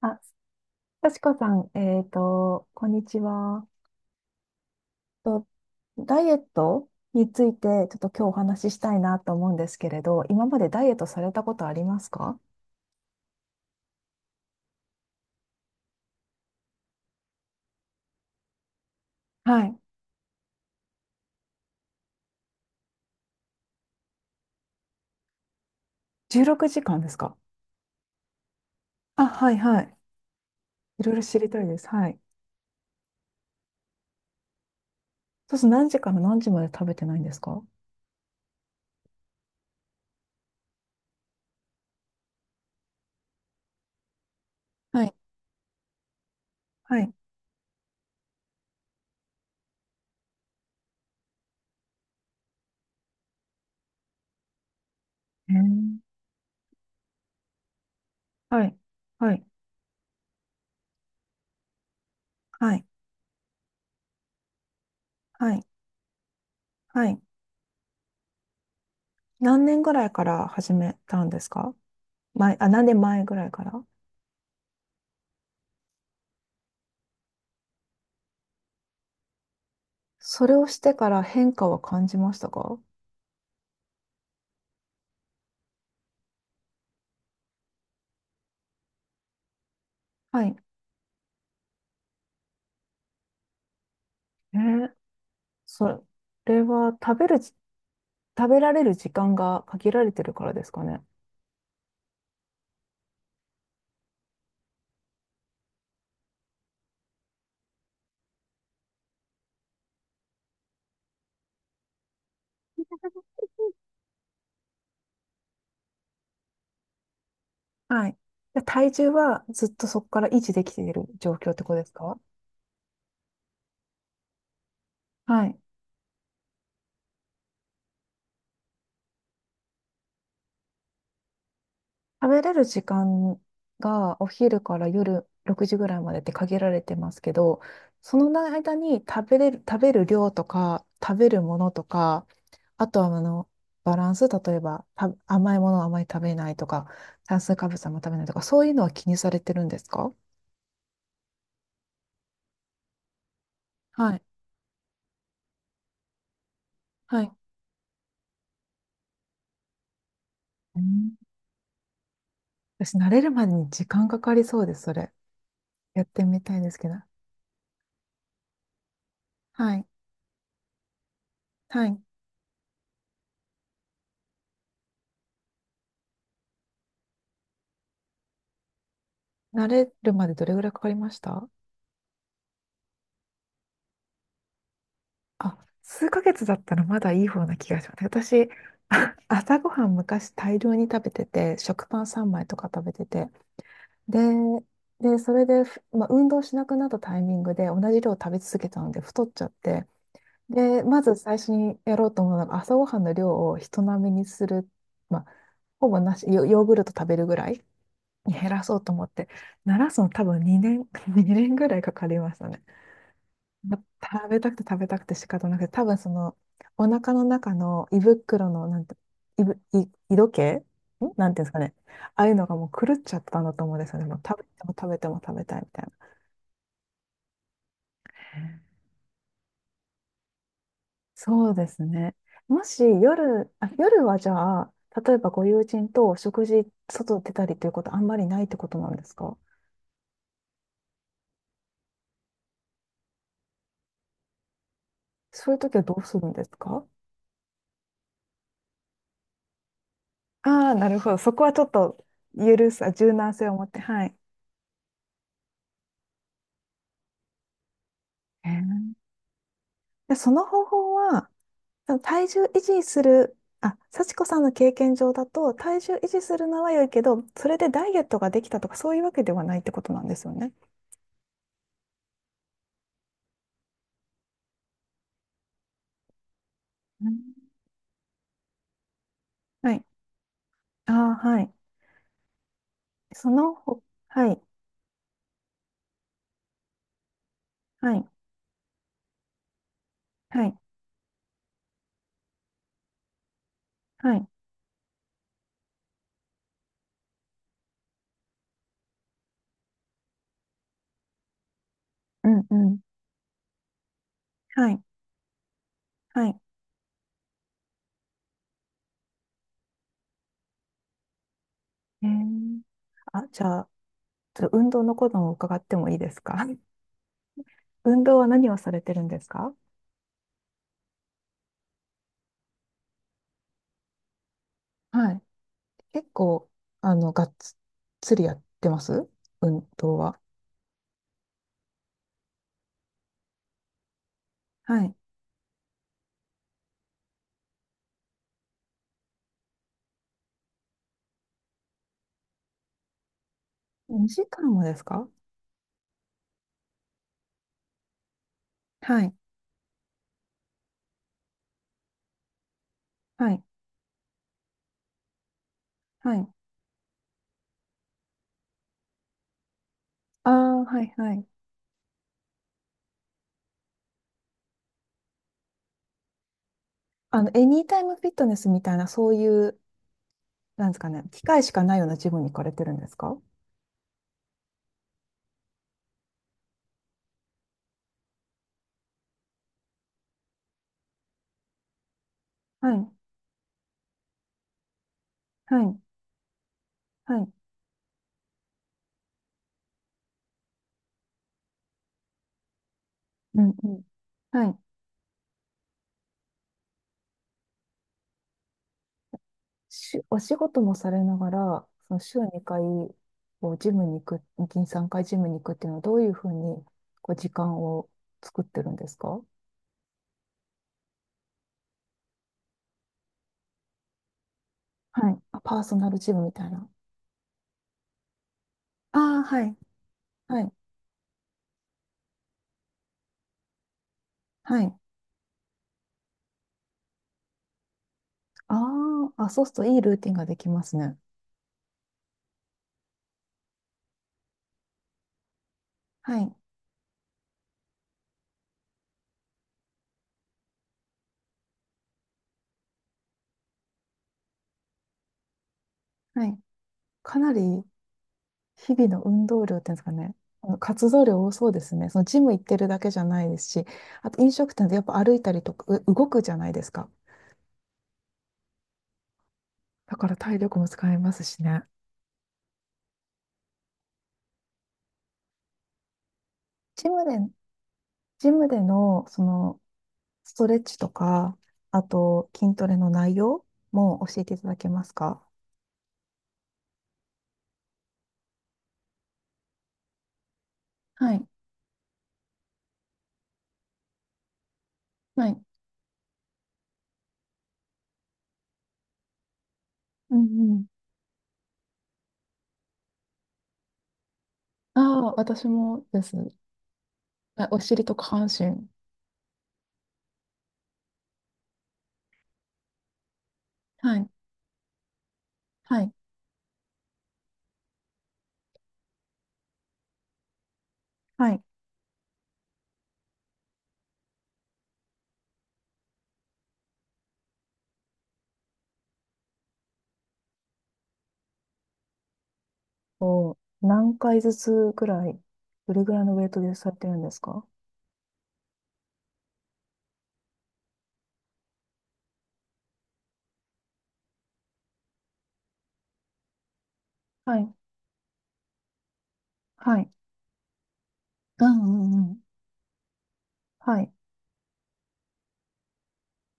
あ、幸子さん、こんにちは。と、ダイエットについて、ちょっと今日お話ししたいなと思うんですけれど、今までダイエットされたことありますか？はい。16時間ですか？あ、はいはい。いろいろ知りたいです。はい。そうすると何時から何時まで食べてないんですか？はい。はい。えー。はい。はい。はい。はい。はい。何年ぐらいから始めたんですか？何年前ぐらいから。それをしてから変化は感じましたか？はい。えー。それは食べられる時間が限られてるからですかね。はい。で体重はずっとそこから維持できている状況ってことですか？はい。食べれる時間がお昼から夜6時ぐらいまでって限られてますけど、その間に食べれる、食べる量とか、食べるものとか、あとはあの、バランス、例えば、甘いものをあまり食べないとか、炭水化物はあんま食べないとか、そういうのは気にされてるんですか？はいはい。うん。私、慣れるまでに時間かかりそうです、それ。やってみたいですけど。はい。はい。慣れるまでどれぐらいかかりました？あ、数ヶ月だったらまだいい方な気がします。私、朝ごはん昔大量に食べてて、食パン3枚とか食べてて、で、で、それで、まあ、運動しなくなったタイミングで同じ量を食べ続けたので太っちゃって、で、まず最初にやろうと思うのが朝ごはんの量を人並みにする、まあ、ほぼなし、ヨヨーグルト食べるぐらい減らそうと思って、なすの多分2年、2年ぐらいかかりましたね。ま食べたくて食べたくて仕方なくて、多分その、お腹の中の胃袋の、なんて、胃ぶ、胃、胃時計、んなんていうんですかね。ああいうのがもう狂っちゃったんだと思うんですよね。もう食べても食べても食べたいみたいな。そうですね。もし夜、あ、夜はじゃあ、例えばご友人と食事、外出たりということあんまりないってことなんですか？そういう時はどうするんですか？ああ、なるほど。そこはちょっと許す、柔軟性を持って。はい。へえ。で、その方法は、その体重維持する、あ、幸子さんの経験上だと、体重維持するのは良いけど、それでダイエットができたとか、そういうわけではないってことなんですよね。うん。はい。ああ、はい。そのほ、はい、はい、はい、はい、うん、うん、はい、はい。えー。じゃあ、ちょっと運動のことを伺ってもいいですか？ 運動は何をされてるんですか？はい。結構、あの、がっつりやってます運動は。はい。2時間もですか？はい。はい。はい。ああ、はい。はい。あの、エニータイムフィットネスみたいな、そういう、なんですかね、機会しかないようなジムに行かれてるんですか？はい。はい。はい。うんうん。はい。お仕事もされながら、その週2回、こう、ジムに行く、2、3回ジムに行くっていうのは、どういうふうに、こう、時間を作ってるんですか？はい。あ、パーソナルジムみたいな。ああ、はい。はい。はい。ああ、あ、そうするといいルーティンができますね。はい。はい。かなり日々の運動量っていうんですかね。あの活動量多そうですね。そのジム行ってるだけじゃないですし、あと飲食店でやっぱ歩いたりとか、動くじゃないですか。だから体力も使えますしね。ジムで、ジムでのそのストレッチとか、あと筋トレの内容も教えていただけますか？はい。はい。うん。ああ、私もです。あお尻と下半身。はい。はい。はい。を何回ずつぐらい、どれぐらいのウェイトでされてるんですか？はい。はい。うんうんうん。はい。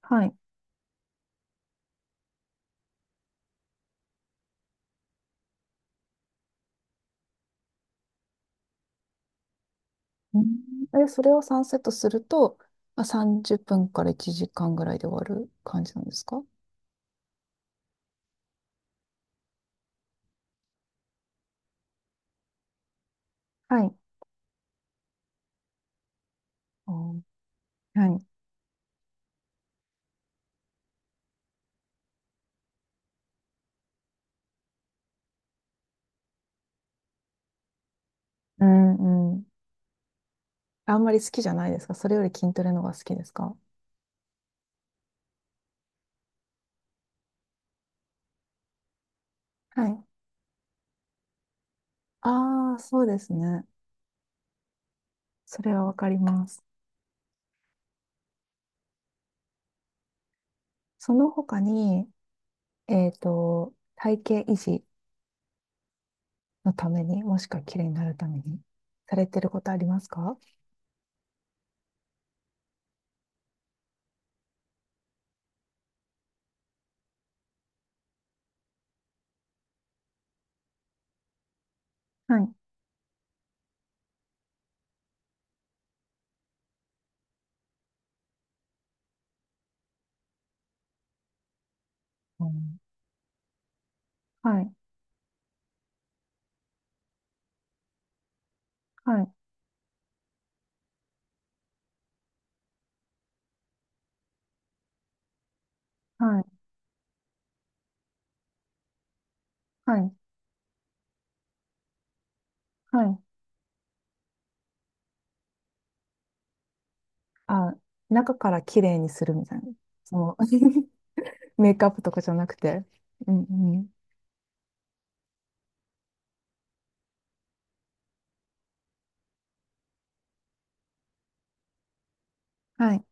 はい。うん。それを3セットすると、まあ、30分から1時間ぐらいで終わる感じなんですか？はい。あー、はい。うんうん。あんまり好きじゃないですか？それより筋トレの方が好きですか？はい。ああ、そうですね。それはわかります。その他に、えっと、体型維持のために、もしくは綺麗になるために、されてることありますか？はい、うん。はい、はい、はい、はい、はい。あ、中から綺麗にするみたいな。その メイクアップとかじゃなくて。うんうん。はい、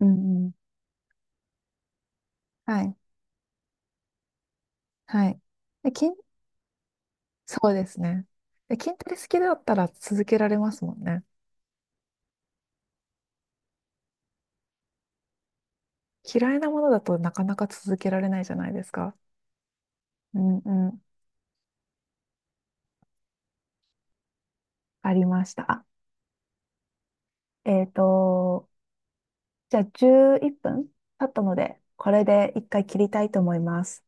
うんうん。はい。はい。で、筋、そうですね。で、筋トレ好きだったら続けられますもんね。嫌いなものだとなかなか続けられないじゃないですか。うんうん、ありました。えっと、じゃあ11分経ったので、これで一回切りたいと思います。